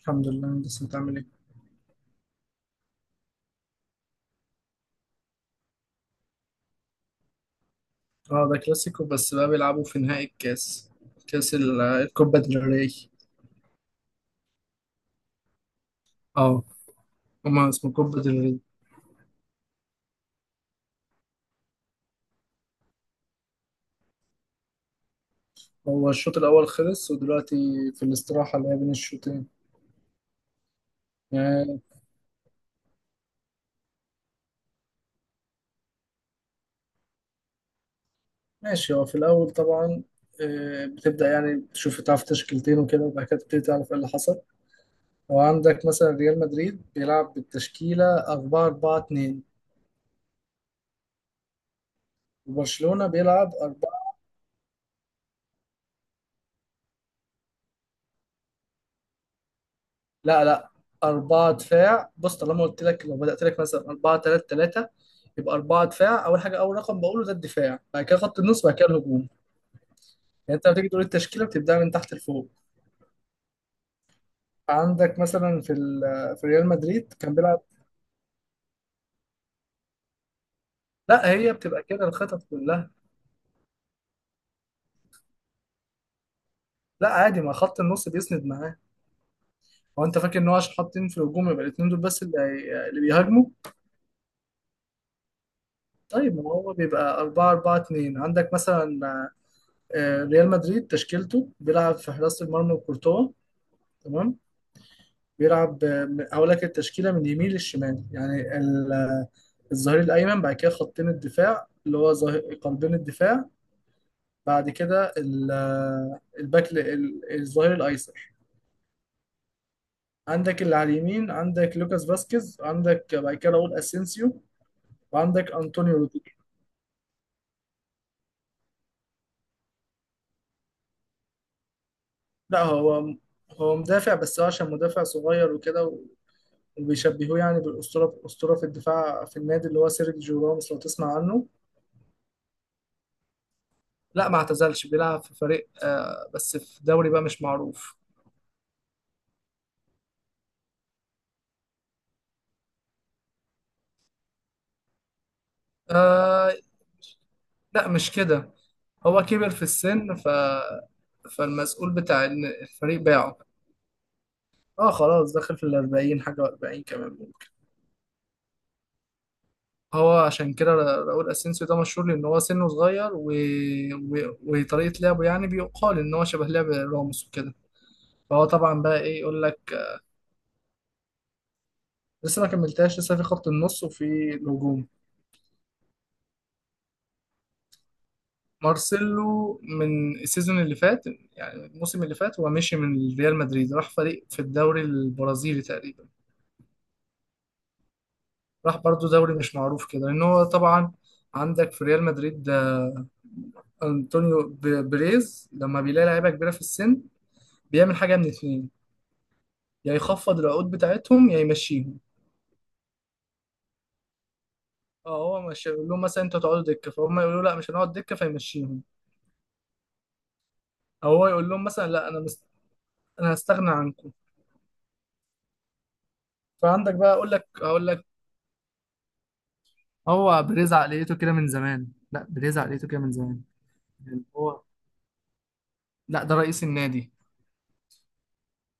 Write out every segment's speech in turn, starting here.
الحمد لله، بس انت عامل ايه؟ اه، ده كلاسيكو بس بقى بيلعبوا في نهائي الكاس، الكوبا ديل ري. اه، هما اسمه كوبا ديل ري. هو الشوط الاول خلص ودلوقتي في الاستراحة اللي هي بين الشوطين. يعني ماشي. هو في الاول طبعا، بتبدأ يعني تشوف تعرف تشكيلتين وكده، وبعد كده تبتدي تعرف ايه اللي حصل. وعندك مثلا ريال مدريد بيلعب بالتشكيلة 4 4 2، وبرشلونة بيلعب. لا لا، أربعة دفاع. بص، طالما قلت لك لو بدأت لك مثلا أربعة تلاتة تلاتة، يبقى أربعة دفاع أول حاجة. أول رقم بقوله ده الدفاع، بعد كده خط النص، بعد كده الهجوم. يعني أنت لما تيجي تقول التشكيلة بتبدأ من تحت لفوق. عندك مثلا في ريال مدريد كان بيلعب. لا، هي بتبقى كده الخطط كلها. لا عادي، ما خط النص بيسند معاه. هو أنت فاكر إن هو عشان حاطين في الهجوم يبقى الاتنين دول بس اللي بيهاجموا. طيب ما هو بيبقى 4 4 2. عندك مثلا، ريال مدريد تشكيلته بيلعب في حراسة المرمى وكورتوا. تمام. اقول لك التشكيله من اليمين للشمال. يعني الظهير الايمن، بعد كده خطين الدفاع اللي هو قلبين الدفاع، بعد كده الباك، الظهير الايسر. عندك اللي على اليمين عندك لوكاس فاسكيز، عندك بعد كده راؤول اسينسيو، وعندك انطونيو روديجر. لا هو مدافع، بس هو عشان مدافع صغير وكده، وبيشبهوه يعني بالاسطوره، اسطوره في الدفاع في النادي، اللي هو سيرجيو راموس، لو تسمع عنه. لا ما اعتزلش، بيلعب في فريق، بس في دوري بقى مش معروف. آه. لا مش كده، هو كبر في السن فالمسؤول بتاع إن الفريق باعه. اه خلاص، داخل في الأربعين حاجة، وأربعين كمان ممكن. هو عشان كده راؤول أسينسيو ده مشهور لأن هو سنه صغير وطريقة لعبه، يعني بيقال إن هو شبه لعب راموس وكده. فهو طبعا بقى إيه، يقول لك، لسه ما كملتهاش، لسه في خط النص وفي الهجوم. مارسيلو من السيزون اللي فات، يعني الموسم اللي فات هو مشي من ريال مدريد، راح فريق في الدوري البرازيلي تقريبا. راح برضو دوري مش معروف كده، لان هو طبعا عندك في ريال مدريد ده انطونيو بريز لما بيلاقي لعيبه كبيره في السن بيعمل حاجه من اتنين: يا يخفض العقود بتاعتهم، يا يمشيهم. اه، هو مش يقول لهم مثلا انتوا هتقعدوا دكه، فهم يقولوا لا مش هنقعد دكه فيمشيهم. او هو يقول لهم مثلا لا، انا هستغنى عنكم. فعندك بقى اقول لك، هقول لك. هو بريز عقليته كده من زمان، لا بريز عقليته كده من زمان. يعني هو، لا ده رئيس النادي.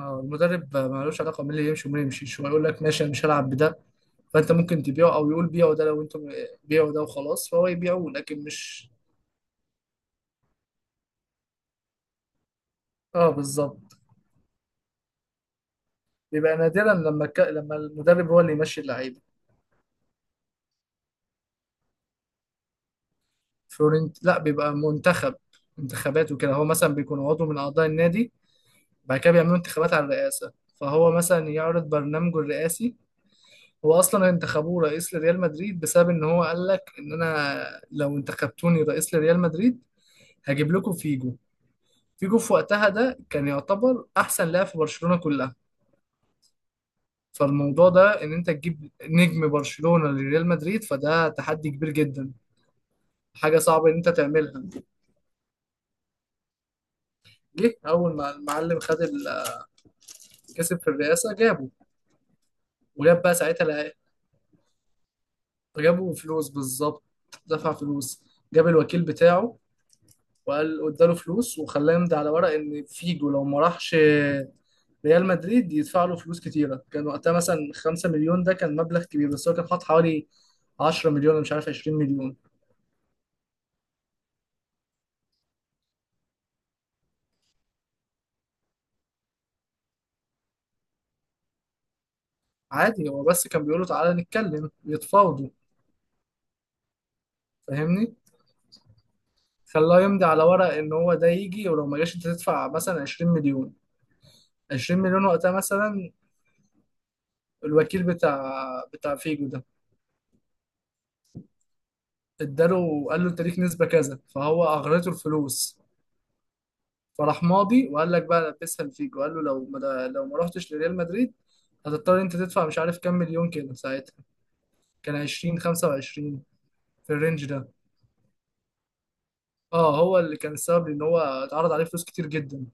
المدرب، ملوش علاقه مين اللي يمشي ومين اللي يمشيش. هو يقول لك ماشي، انا مش هلعب بده، فانت ممكن تبيعه، او يقول بيعه ده لو انتم. بيعه ده وخلاص فهو يبيعه، لكن مش. اه بالظبط. بيبقى نادرا لما المدرب هو اللي يمشي اللعيبه. فلورنت، لا بيبقى منتخب، انتخابات وكده. هو مثلا بيكون عضو من اعضاء النادي، بعد كده بيعملوا انتخابات على الرئاسه، فهو مثلا يعرض برنامجه الرئاسي. هو اصلا انتخبوه رئيس لريال مدريد بسبب ان هو قال لك ان انا لو انتخبتوني رئيس لريال مدريد هجيب لكم فيجو. فيجو في وقتها ده كان يعتبر احسن لاعب في برشلونة كلها. فالموضوع ده ان انت تجيب نجم برشلونة لريال مدريد، فده تحدي كبير جدا، حاجة صعبة ان انت تعملها. جه اول ما المعلم خد كسب في الرئاسة جابه. وجاب بقى ساعتها لع- جابوا فلوس بالظبط. دفع فلوس، جاب الوكيل بتاعه، وقال واداله فلوس، وخلاه يمضي على ورق ان فيجو لو ما راحش ريال مدريد يدفع له فلوس كتيره. كان وقتها مثلا 5 مليون، ده كان مبلغ كبير، بس هو كان حاط حوالي 10 مليون، أنا مش عارف، 20 مليون. عادي هو بس كان بيقولوا تعالى نتكلم، يتفاوضوا، فاهمني. خلاه يمضي على ورق ان هو ده يجي، ولو ما جاش انت تدفع مثلا 20 مليون. 20 مليون وقتها مثلا. الوكيل بتاع فيجو ده، اداله، قال له انت ليك نسبة كذا، فهو اغرته الفلوس. فراح ماضي وقال لك بقى لبسها الفيجو، قال له لو ما رحتش لريال مدريد هتضطر انت تدفع مش عارف كام مليون كده. ساعتها كان 20 25، في الرينج ده. اه هو اللي كان السبب ان هو اتعرض عليه فلوس كتير جدا.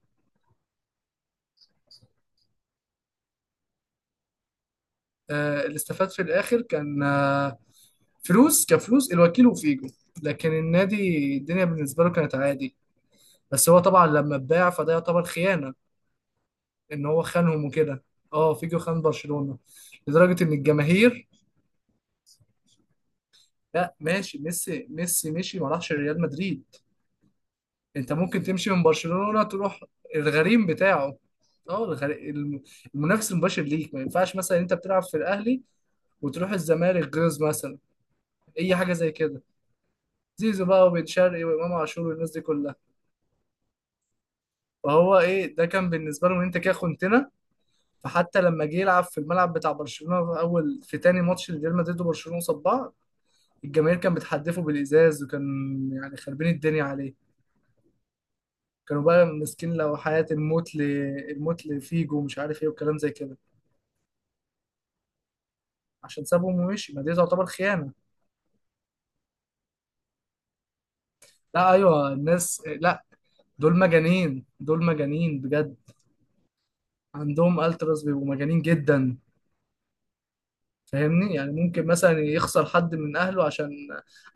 اللي استفاد في الاخر كان، فلوس، كفلوس الوكيل وفيجو، لكن النادي الدنيا بالنسبه له كانت عادي. بس هو طبعا لما اتباع فده يعتبر خيانه، ان هو خانهم وكده. اه، فيجو خان برشلونه لدرجه ان الجماهير. لا ماشي، ميسي مشي، ما راحش ريال مدريد. انت ممكن تمشي من برشلونة تروح الغريم بتاعه. اه المنافس المباشر ليك. ما ينفعش مثلا انت بتلعب في الاهلي وتروح الزمالك جوز مثلا، اي حاجه زي كده. زيزو بقى، وبن شرقي، وامام عاشور، والناس دي كلها. فهو ايه ده، كان بالنسبه له ان انت كده خنتنا. فحتى لما جه يلعب في الملعب بتاع برشلونه في اول، في تاني ماتش لريال مدريد وبرشلونه قصاد بعض، الجماهير كان بتحدفه بالازاز، وكان يعني خربين الدنيا عليه. كانوا بقى ماسكين لو حياة، الموت لفيجو ومش عارف ايه وكلام زي كده. عشان سابهم ومشي، ما دي تعتبر خيانة. لا ايوه، الناس لا، دول مجانين، دول مجانين بجد. عندهم التراس بيبقوا مجانين جدا، فاهمني. يعني ممكن مثلا يخسر حد من اهله عشان،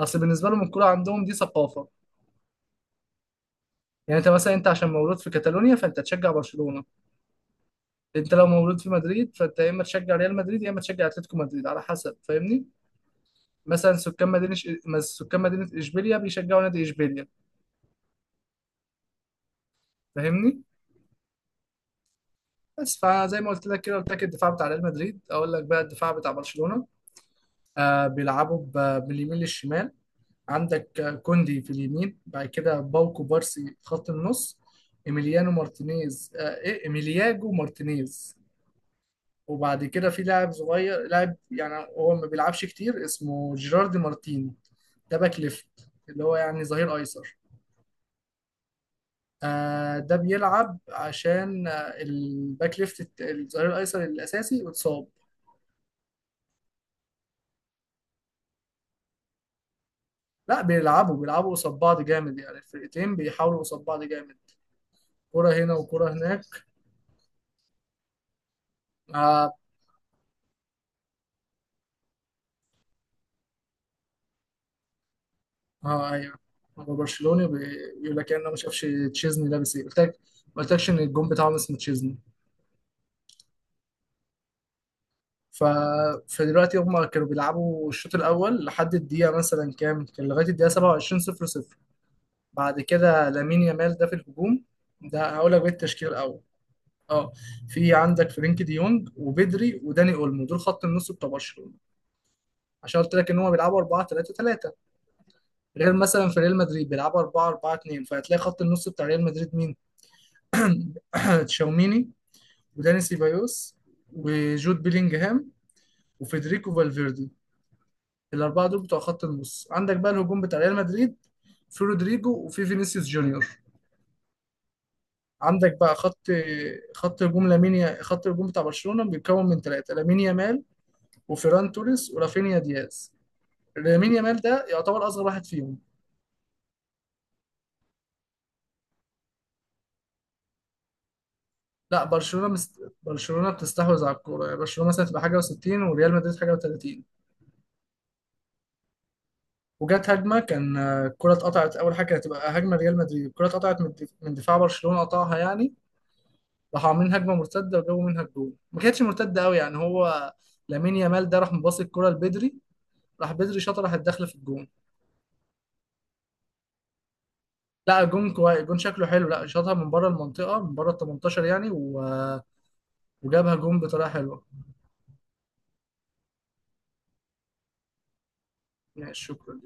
اصل بالنسبة لهم الكورة عندهم دي ثقافة. يعني انت مثلا، انت عشان مولود في كاتالونيا فانت تشجع برشلونة، انت لو مولود في مدريد فانت يا اما تشجع ريال مدريد يا اما تشجع اتلتيكو مدريد على حسب، فاهمني. مثلا سكان مدينه، سكان مدينه اشبيليا بيشجعوا نادي اشبيليا، فاهمني. بس فزي ما قلت لك كده، قلت لك الدفاع بتاع ريال مدريد. اقول لك بقى الدفاع بتاع برشلونه. آه بيلعبوا باليمين للشمال. عندك، كوندي في اليمين، بعد كده باوكو بارسي في خط النص، ايميليانو مارتينيز، آه ايه، ايميلياجو مارتينيز. وبعد كده في لاعب صغير، لاعب يعني هو ما بيلعبش كتير، اسمه جيراردي مارتين، ده باك ليفت، اللي هو يعني ظهير ايسر. ده بيلعب عشان الباك ليفت، الظهير الايسر الاساسي اتصاب. لا بيلعبوا بيلعبوا قصاد بعض جامد، يعني الفرقتين بيحاولوا قصاد بعض جامد. كرة هنا وكرة هناك. اه. ايوه، هو برشلوني بيقول لك يعني انا ما شافش تشيزني لابس ايه. قلت لك، ما قلتلكش ان الجون بتاعهم اسمه تشيزني. ف... فدلوقتي هم كانوا بيلعبوا الشوط الاول لحد الدقيقه مثلا كام، كان لغايه الدقيقه 27، 0 0. بعد كده لامين يامال ده في الهجوم، ده هقول لك بالتشكيل الاول. اه، في عندك فرينك دي يونج وبدري وداني اولمو، دول خط النص بتوع برشلونه، عشان قلت لك ان هم بيلعبوا 4 3 3، غير مثلا في ريال مدريد بيلعبوا 4 4 2. فهتلاقي خط النص بتاع ريال مدريد مين: تشاوميني، وداني سيبايوس، وجود بيلينجهام، وفيدريكو فالفيردي. الاربعه دول بتوع خط النص. عندك بقى الهجوم بتاع ريال مدريد: في رودريجو، وفي فينيسيوس جونيور. عندك بقى خط هجوم لامين، خط الهجوم بتاع برشلونه بيتكون من ثلاثه: لامين يامال، وفيران توريس، ورافينيا دياز. لامين يامال ده يعتبر اصغر واحد فيهم. لا برشلونه برشلونه بتستحوذ على الكوره. يعني برشلونه مثلا تبقى حاجه و60، وريال مدريد حاجه و30. وجت هجمه، كان الكره اتقطعت، اول حاجه كانت هتبقى هجمه ريال مدريد. الكره اتقطعت من من دفاع برشلونه قطعها يعني. راحوا عاملين هجمه مرتده، وجابوا منها الجول. ما كانتش مرتده قوي يعني. هو لامين يامال ده راح مباصي الكره لبدري، راح بدري شاطها راحت داخله في الجون. لا الجون كويس، الجون شكله حلو، لا شاطها من بره المنطقه، من بره ال 18 يعني، وجابها جون بطريقه حلوه. ماشي شكرا.